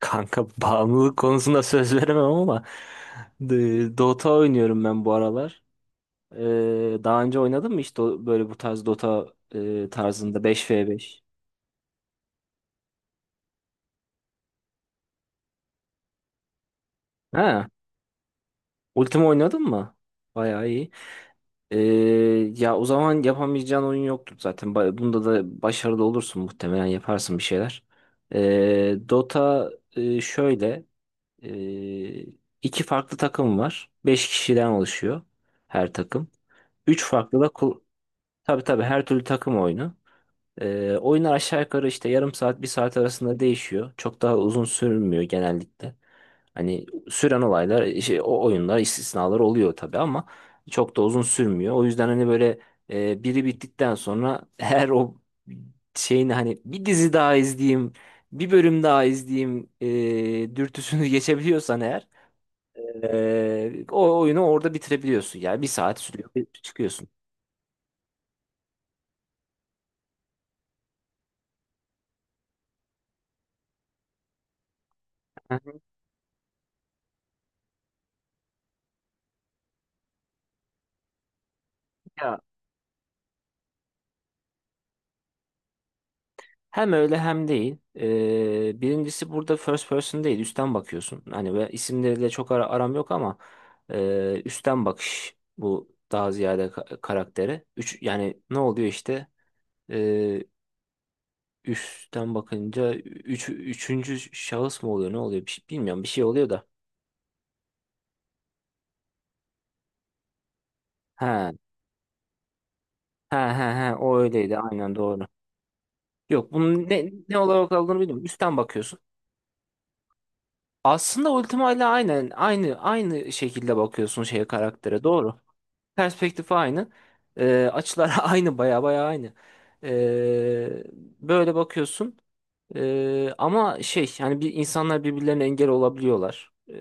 Kanka bağımlılık konusunda söz veremem ama Dota oynuyorum ben bu aralar. Daha önce oynadın mı hiç böyle bu tarz Dota tarzında 5v5? Ha, Ultima oynadın mı? Bayağı iyi. Ee, Ya o zaman yapamayacağın oyun yoktur zaten. Bunda da başarılı olursun, muhtemelen yaparsın bir şeyler. Dota şöyle, e, iki farklı takım var. Beş kişiden oluşuyor her takım. 3 farklı da kul-. Tabii tabii, her türlü takım oyunu. Oyunlar aşağı yukarı işte yarım saat bir saat arasında değişiyor. Çok daha uzun sürmüyor genellikle. Hani süren olaylar şey, o oyunlar istisnalar oluyor tabii ama çok da uzun sürmüyor. O yüzden hani böyle, biri bittikten sonra her o şeyin hani bir dizi daha izleyeyim, bir bölüm daha izleyeyim dürtüsünü geçebiliyorsan eğer, o oyunu orada bitirebiliyorsun. Yani bir saat sürüyor, çıkıyorsun. Hem öyle hem değil. Birincisi burada first person değil, üstten bakıyorsun. Hani ve isimleriyle çok aram yok ama, üstten bakış bu daha ziyade karaktere. Üç, yani ne oluyor işte? Ee, Üstten bakınca üçüncü şahıs mı oluyor? Ne oluyor? Bir, bilmiyorum. Bir şey oluyor da. Ha ha ha he. O öyleydi. Aynen doğru. Yok, bunun ne olarak olduğunu bilmiyorum. Üstten bakıyorsun. Aslında Ultima ile aynen aynı şekilde bakıyorsun şeye, karaktere. Doğru. Perspektif aynı. Açılar aynı, baya baya aynı. Ee, Böyle bakıyorsun. Ama şey yani, bir insanlar birbirlerine engel olabiliyorlar.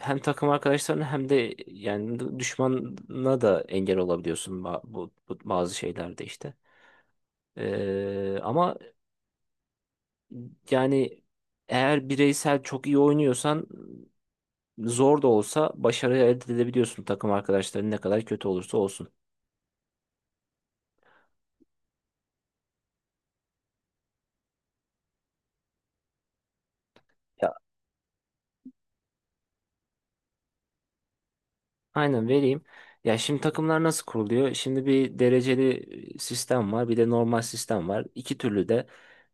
Hem takım arkadaşlarına hem de yani düşmana da engel olabiliyorsun bu bazı şeylerde işte. Ama yani eğer bireysel çok iyi oynuyorsan, zor da olsa başarı elde edebiliyorsun, takım arkadaşların ne kadar kötü olursa olsun. Aynen vereyim. Ya şimdi takımlar nasıl kuruluyor? Şimdi bir dereceli sistem var, bir de normal sistem var. İki türlü de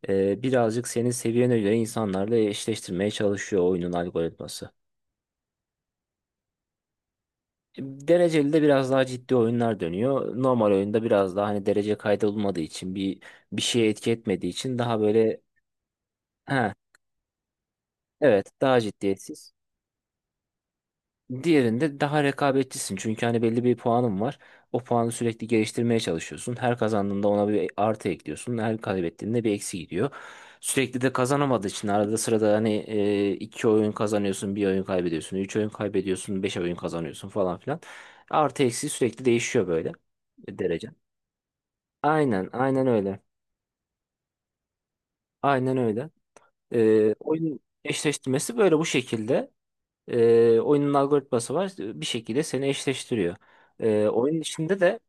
birazcık senin seviyene göre insanlarla eşleştirmeye çalışıyor oyunun algoritması. Dereceli de biraz daha ciddi oyunlar dönüyor. Normal oyunda biraz daha hani derece kaydolmadığı için, bir şeye etki etmediği için daha böyle, ha, evet, daha ciddiyetsiz. Diğerinde daha rekabetçisin. Çünkü hani belli bir puanın var. O puanı sürekli geliştirmeye çalışıyorsun. Her kazandığında ona bir artı ekliyorsun. Her kaybettiğinde bir eksi gidiyor. Sürekli de kazanamadığı için arada sırada hani, iki oyun kazanıyorsun, bir oyun kaybediyorsun, üç oyun kaybediyorsun, beş oyun kazanıyorsun falan filan. Artı eksi sürekli değişiyor böyle, derece. Aynen, aynen öyle. Aynen öyle. Oyun eşleştirmesi böyle bu şekilde. Oyunun algoritması var. Bir şekilde seni eşleştiriyor. Oyunun içinde de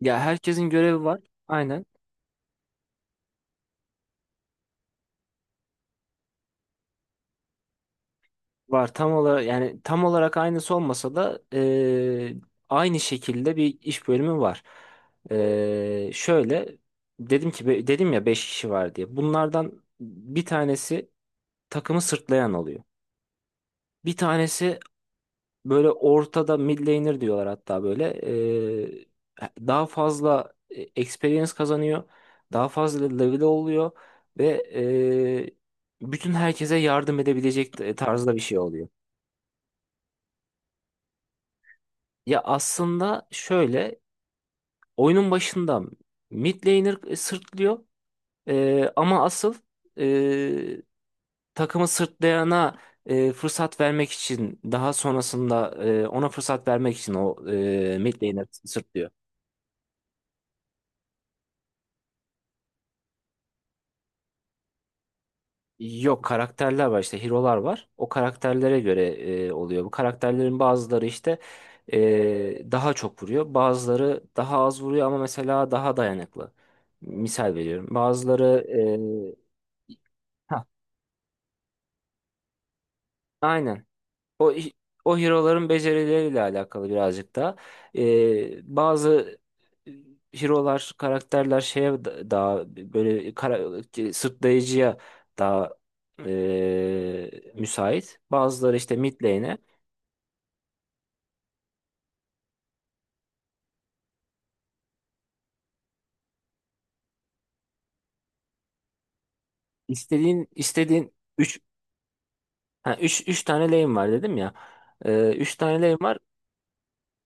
ya, herkesin görevi var. Aynen. Var, tam olarak yani tam olarak aynısı olmasa da aynı şekilde bir iş bölümü var. Şöyle, dedim ki dedim ya 5 kişi var diye. Bunlardan bir tanesi takımı sırtlayan oluyor. Bir tanesi, böyle ortada mid laner diyorlar hatta böyle. Daha fazla experience kazanıyor. Daha fazla level oluyor. Ve bütün herkese yardım edebilecek tarzda bir şey oluyor. Ya aslında şöyle, oyunun başında mid laner sırtlıyor. Ama asıl, e, takımı sırtlayana fırsat vermek için, daha sonrasında ona fırsat vermek için o mid laner sırtlıyor. Yok, karakterler var işte, hero'lar var. O karakterlere göre oluyor. Bu karakterlerin bazıları işte daha çok vuruyor. Bazıları daha az vuruyor ama mesela daha dayanıklı. Misal veriyorum. Bazıları, e, hah, aynen. O o hero'ların becerileriyle alakalı birazcık da. Bazı hero'lar, karakterler şeye daha böyle, kara, sırtlayıcıya daha müsait. Bazıları işte mid lane'e. İstediğin istediğin üç ha 3 3 tane lane var dedim ya. Üç tane lane var.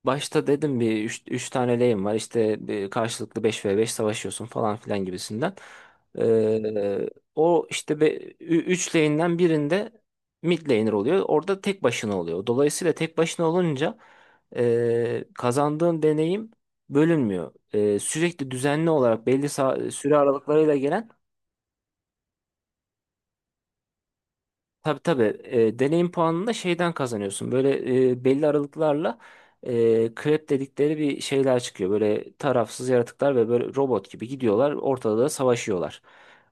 Başta dedim bir, üç tane lane var işte, bir karşılıklı beş ve beş savaşıyorsun falan filan gibisinden. Ee, O işte 3 lane'den birinde mid laner oluyor. Orada tek başına oluyor. Dolayısıyla tek başına olunca kazandığın deneyim bölünmüyor. Sürekli düzenli olarak belli süre aralıklarıyla gelen. Tabii tabii. Deneyim puanını da şeyden kazanıyorsun. Böyle belli aralıklarla krep dedikleri bir şeyler çıkıyor. Böyle tarafsız yaratıklar ve böyle robot gibi gidiyorlar. Ortada da savaşıyorlar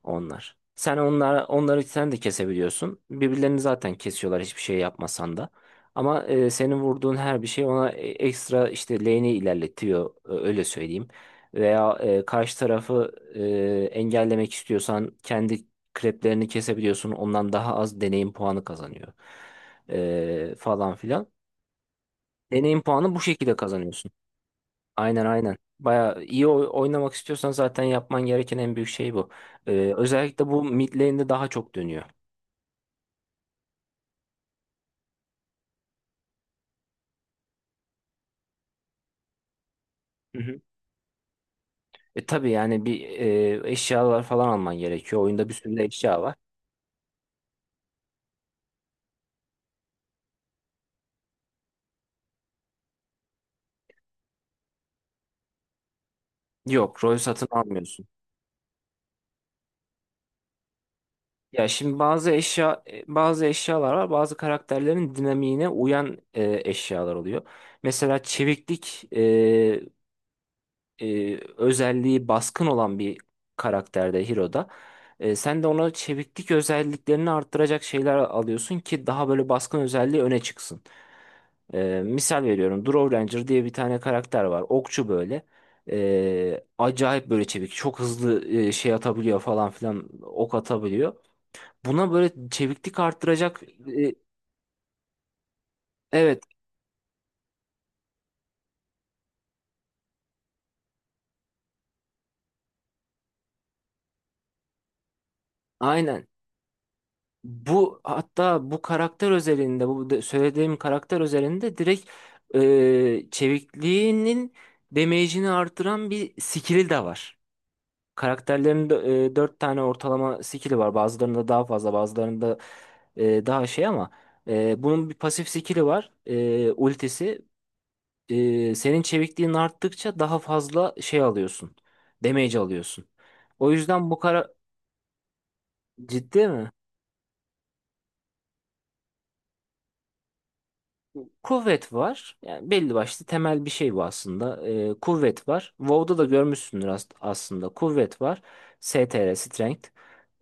onlar. Sen onları sen de kesebiliyorsun. Birbirlerini zaten kesiyorlar, hiçbir şey yapmasan da. Ama, senin vurduğun her bir şey ona ekstra işte lane'i ilerletiyor, öyle söyleyeyim. Veya karşı tarafı engellemek istiyorsan kendi kreplerini kesebiliyorsun. Ondan daha az deneyim puanı kazanıyor. Falan filan. Deneyim puanı bu şekilde kazanıyorsun. Aynen, aynen. Baya iyi oynamak istiyorsan zaten yapman gereken en büyük şey bu. Özellikle bu mid lane'de daha çok dönüyor. Hı hı. Tabii yani, bir, eşyalar falan alman gerekiyor. Oyunda bir sürü de eşya var. Yok, rol satın almıyorsun. Ya şimdi bazı eşya bazı eşyalar var. Bazı karakterlerin dinamiğine uyan eşyalar oluyor. Mesela çeviklik özelliği baskın olan bir karakterde, Hiro'da. Sen de ona çeviklik özelliklerini arttıracak şeyler alıyorsun ki daha böyle baskın özelliği öne çıksın. Misal veriyorum, Drow Ranger diye bir tane karakter var. Okçu böyle. Acayip böyle çevik. Çok hızlı şey atabiliyor falan filan. Ok atabiliyor. Buna böyle çeviklik arttıracak, e, evet, aynen. Bu, hatta bu karakter özelinde, söylediğim karakter özelinde direkt çevikliğinin damage'ini artıran bir skill'i de var. Karakterlerin de, 4 tane ortalama skill'i var. Bazılarında daha fazla, bazılarında daha şey, ama bunun bir pasif skill'i var. Ultisi. Senin çevikliğin arttıkça daha fazla şey alıyorsun. Damage alıyorsun. O yüzden bu kara... Ciddi mi? Kuvvet var. Yani belli başlı temel bir şey bu aslında. Kuvvet var. WoW'da da görmüşsündür aslında. Kuvvet var. STR, Strength.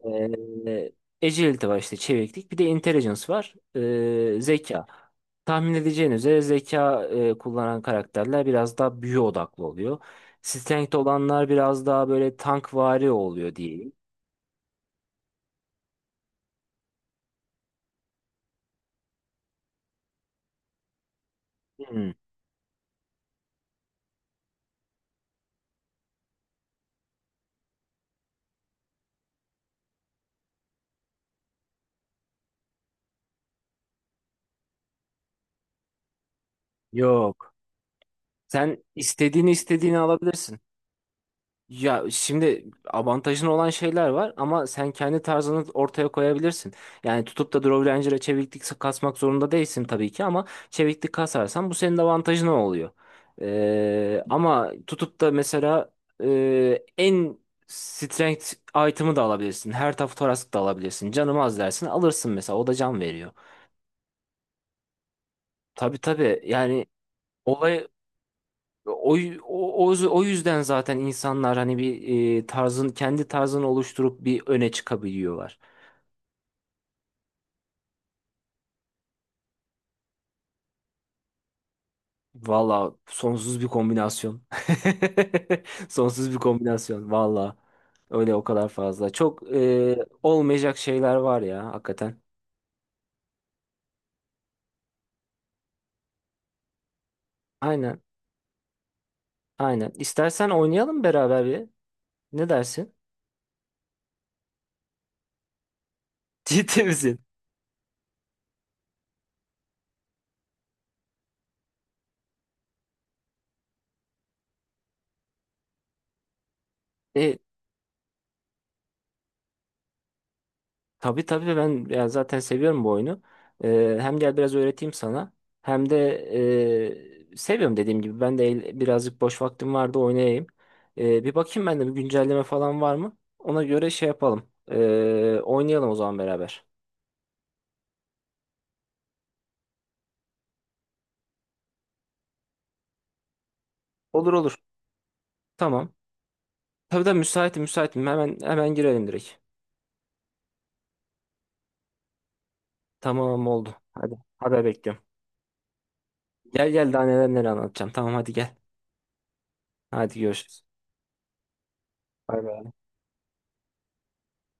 Ee, Agility var işte, çeviklik. Bir de intelligence var. Zeka. Tahmin edeceğiniz üzere zeka kullanan karakterler biraz daha büyü odaklı oluyor. Strength olanlar biraz daha böyle tankvari oluyor diye. Yok. Sen istediğini istediğini alabilirsin. Ya şimdi avantajın olan şeyler var ama sen kendi tarzını ortaya koyabilirsin. Yani tutup da Draw Ranger'a çeviklik kasmak zorunda değilsin tabii ki, ama çeviklik kasarsan bu senin avantajın oluyor. Ama tutup da mesela, en strength item'ı da alabilirsin. Her taraf Thorax da alabilirsin. Canım az dersin alırsın mesela, o da can veriyor. Tabii tabii yani, olay, O, o yüzden zaten insanlar hani bir, kendi tarzını oluşturup bir öne çıkabiliyorlar. Valla sonsuz bir kombinasyon. Sonsuz bir kombinasyon valla. Öyle, o kadar fazla. Çok olmayacak şeyler var ya hakikaten. Aynen, aynen. İstersen oynayalım beraber bir. Ne dersin? Ciddi misin? E, Tabii tabii, ben yani zaten seviyorum bu oyunu. Hem gel, biraz öğreteyim sana. Hem de, seviyorum dediğim gibi. Ben de birazcık boş vaktim vardı, oynayayım. Bir bakayım ben de, bir güncelleme falan var mı? Ona göre şey yapalım. Oynayalım o zaman beraber. Olur olur. Tamam. Tabii de müsaitim, müsaitim. Hemen hemen girelim direkt. Tamam oldu. Hadi haber bekliyorum. Gel gel, daha neler neler anlatacağım. Tamam, hadi gel. Hadi görüşürüz. Bay bay.